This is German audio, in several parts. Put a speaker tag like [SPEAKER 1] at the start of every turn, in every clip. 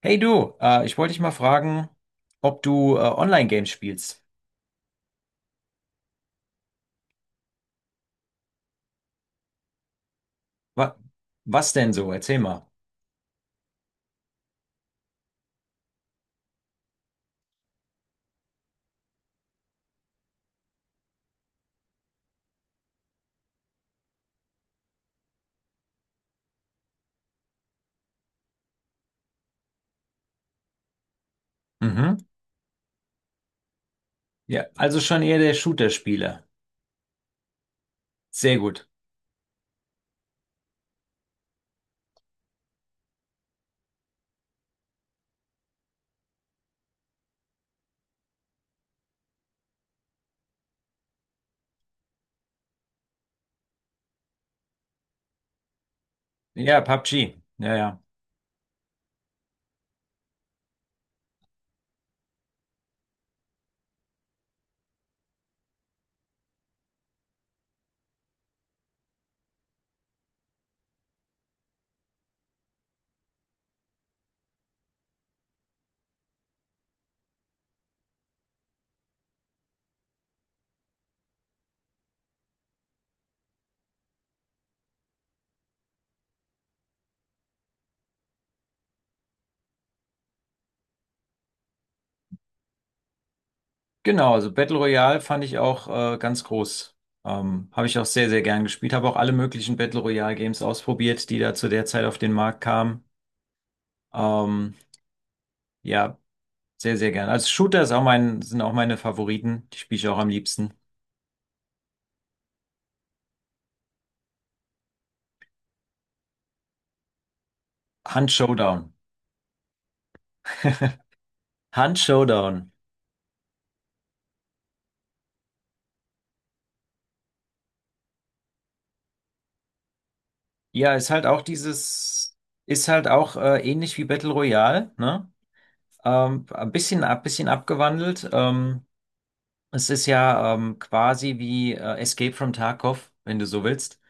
[SPEAKER 1] Hey du, ich wollte dich mal fragen, ob du Online-Games spielst. Wa Was denn so? Erzähl mal. Mhm. Ja, also schon eher der Shooter-Spieler. Sehr gut. Ja, PUBG. Ja, ja. Genau, also Battle Royale fand ich auch ganz groß. Habe ich auch sehr, sehr gern gespielt. Habe auch alle möglichen Battle Royale-Games ausprobiert, die da zu der Zeit auf den Markt kamen. Ähm, ja, sehr, sehr gern. Also Shooter ist auch sind auch meine Favoriten. Die spiele ich auch am liebsten. Hunt Showdown. Hunt Showdown. Ja, ist halt auch ist halt auch ähnlich wie Battle Royale, ne? Ähm, ein bisschen abgewandelt. Es ist ja quasi wie Escape from Tarkov, wenn du so willst,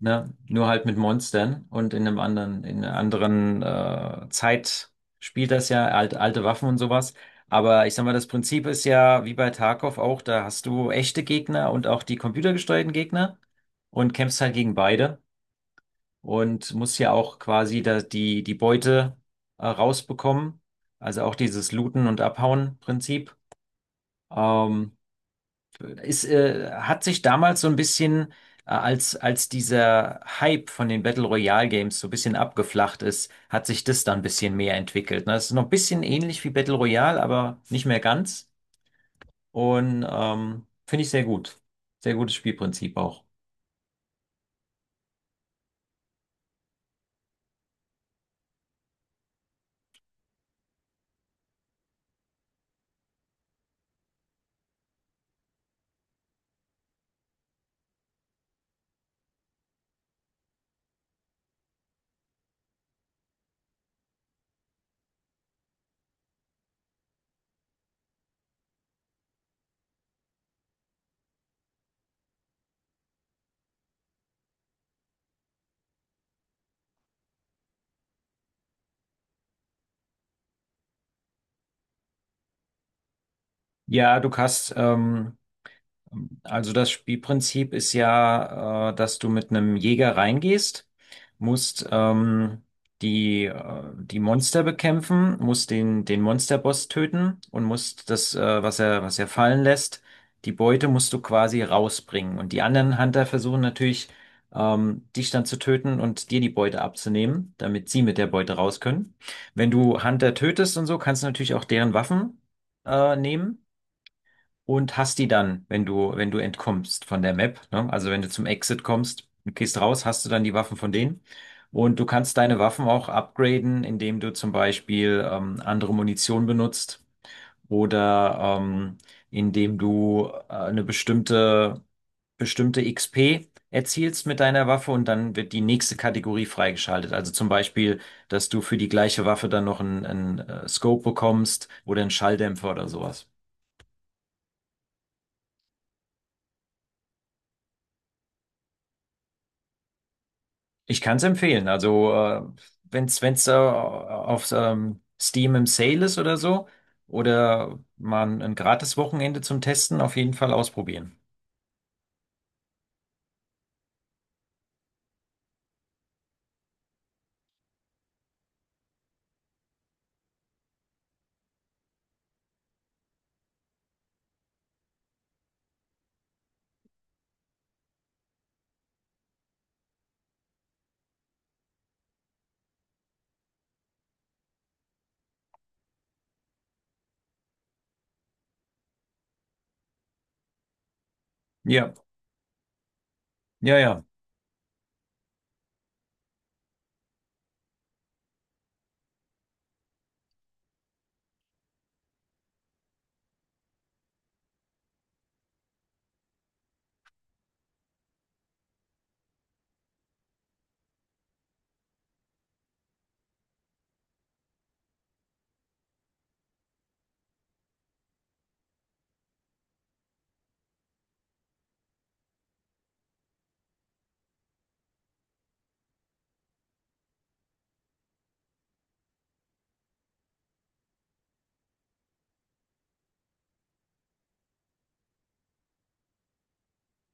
[SPEAKER 1] ne? Nur halt mit Monstern und in einem in einer anderen Zeit spielt das ja, alte Waffen und sowas. Aber ich sag mal, das Prinzip ist ja wie bei Tarkov auch, da hast du echte Gegner und auch die computergesteuerten Gegner und kämpfst halt gegen beide und muss ja auch quasi da die Beute rausbekommen. Also auch dieses Looten- und Abhauen-Prinzip. Ähm, hat sich damals so ein bisschen, als dieser Hype von den Battle Royale Games so ein bisschen abgeflacht ist, hat sich das dann ein bisschen mehr entwickelt. Ne? Das ist noch ein bisschen ähnlich wie Battle Royale, aber nicht mehr ganz. Und finde ich sehr gut. Sehr gutes Spielprinzip auch. Ja, du hast also das Spielprinzip ist ja, dass du mit einem Jäger reingehst, musst die Monster bekämpfen, musst den Monsterboss töten und musst das, was er fallen lässt, die Beute musst du quasi rausbringen. Und die anderen Hunter versuchen natürlich, dich dann zu töten und dir die Beute abzunehmen, damit sie mit der Beute raus können. Wenn du Hunter tötest und so, kannst du natürlich auch deren Waffen nehmen und hast die dann, wenn du entkommst von der Map, ne? Also wenn du zum Exit kommst, du gehst raus, hast du dann die Waffen von denen. Und du kannst deine Waffen auch upgraden, indem du zum Beispiel andere Munition benutzt oder indem du eine bestimmte XP erzielst mit deiner Waffe und dann wird die nächste Kategorie freigeschaltet. Also zum Beispiel, dass du für die gleiche Waffe dann noch einen Scope bekommst oder einen Schalldämpfer oder sowas. Ich kann es empfehlen. Also, wenn es wenn's, wenn's, auf Steam im Sale ist oder so, oder man ein gratis Wochenende zum Testen, auf jeden Fall ausprobieren. Ja, ja, ja.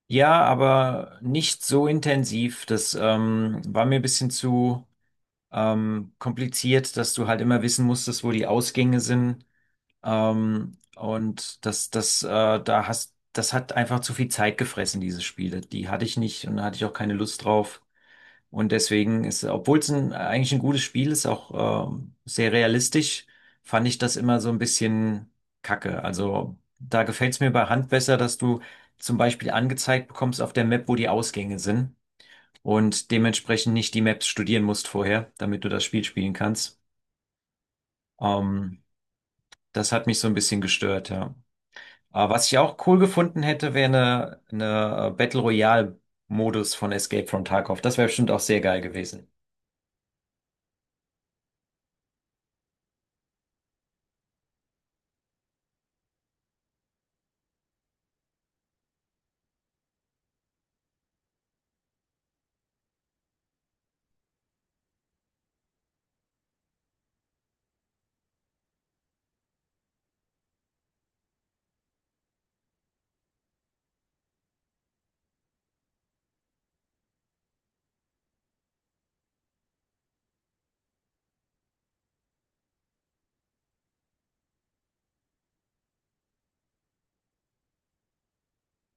[SPEAKER 1] Ja, aber nicht so intensiv. Das war mir ein bisschen zu kompliziert, dass du halt immer wissen musstest, wo die Ausgänge sind. Ähm, und das, das, äh, das hat einfach zu viel Zeit gefressen, diese Spiele. Die hatte ich nicht und da hatte ich auch keine Lust drauf. Und deswegen ist, obwohl es eigentlich ein gutes Spiel ist, auch sehr realistisch, fand ich das immer so ein bisschen kacke. Also da gefällt es mir bei Hand besser, dass du zum Beispiel angezeigt bekommst auf der Map, wo die Ausgänge sind und dementsprechend nicht die Maps studieren musst vorher, damit du das Spiel spielen kannst. Ähm, das hat mich so ein bisschen gestört, ja. Aber was ich auch cool gefunden hätte, wäre eine Battle Royale Modus von Escape from Tarkov. Das wäre bestimmt auch sehr geil gewesen.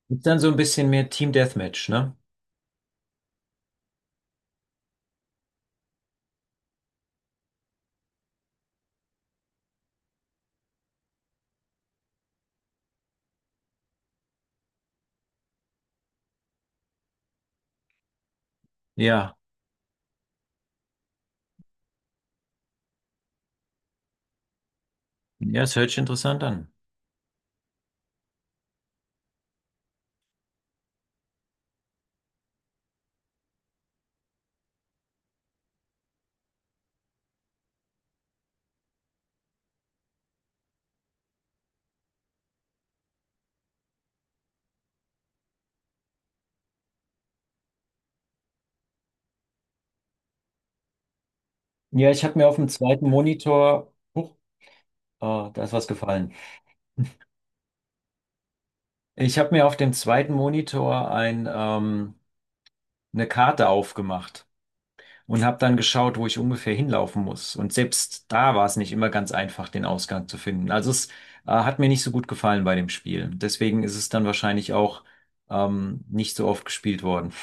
[SPEAKER 1] Ist dann so ein bisschen mehr Team Deathmatch, ne? Ja. Ja, es hört sich interessant an. Ja, ich habe mir auf dem zweiten Monitor, huch, ah, da ist was gefallen. Ich habe mir auf dem zweiten Monitor eine Karte aufgemacht und habe dann geschaut, wo ich ungefähr hinlaufen muss. Und selbst da war es nicht immer ganz einfach, den Ausgang zu finden. Hat mir nicht so gut gefallen bei dem Spiel. Deswegen ist es dann wahrscheinlich auch, nicht so oft gespielt worden.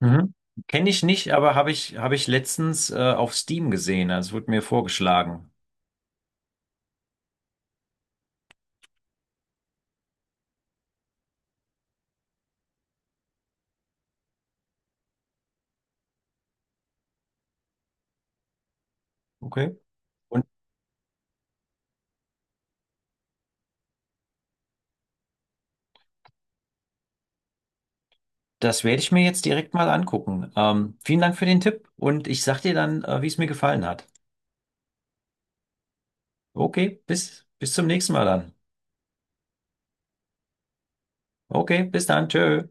[SPEAKER 1] Mhm. Kenne ich nicht, aber habe ich letztens auf Steam gesehen. Also es wurde mir vorgeschlagen. Okay. Und das werde ich mir jetzt direkt mal angucken. Vielen Dank für den Tipp und ich sag dir dann, wie es mir gefallen hat. Okay, bis zum nächsten Mal dann. Okay, bis dann. Tschö.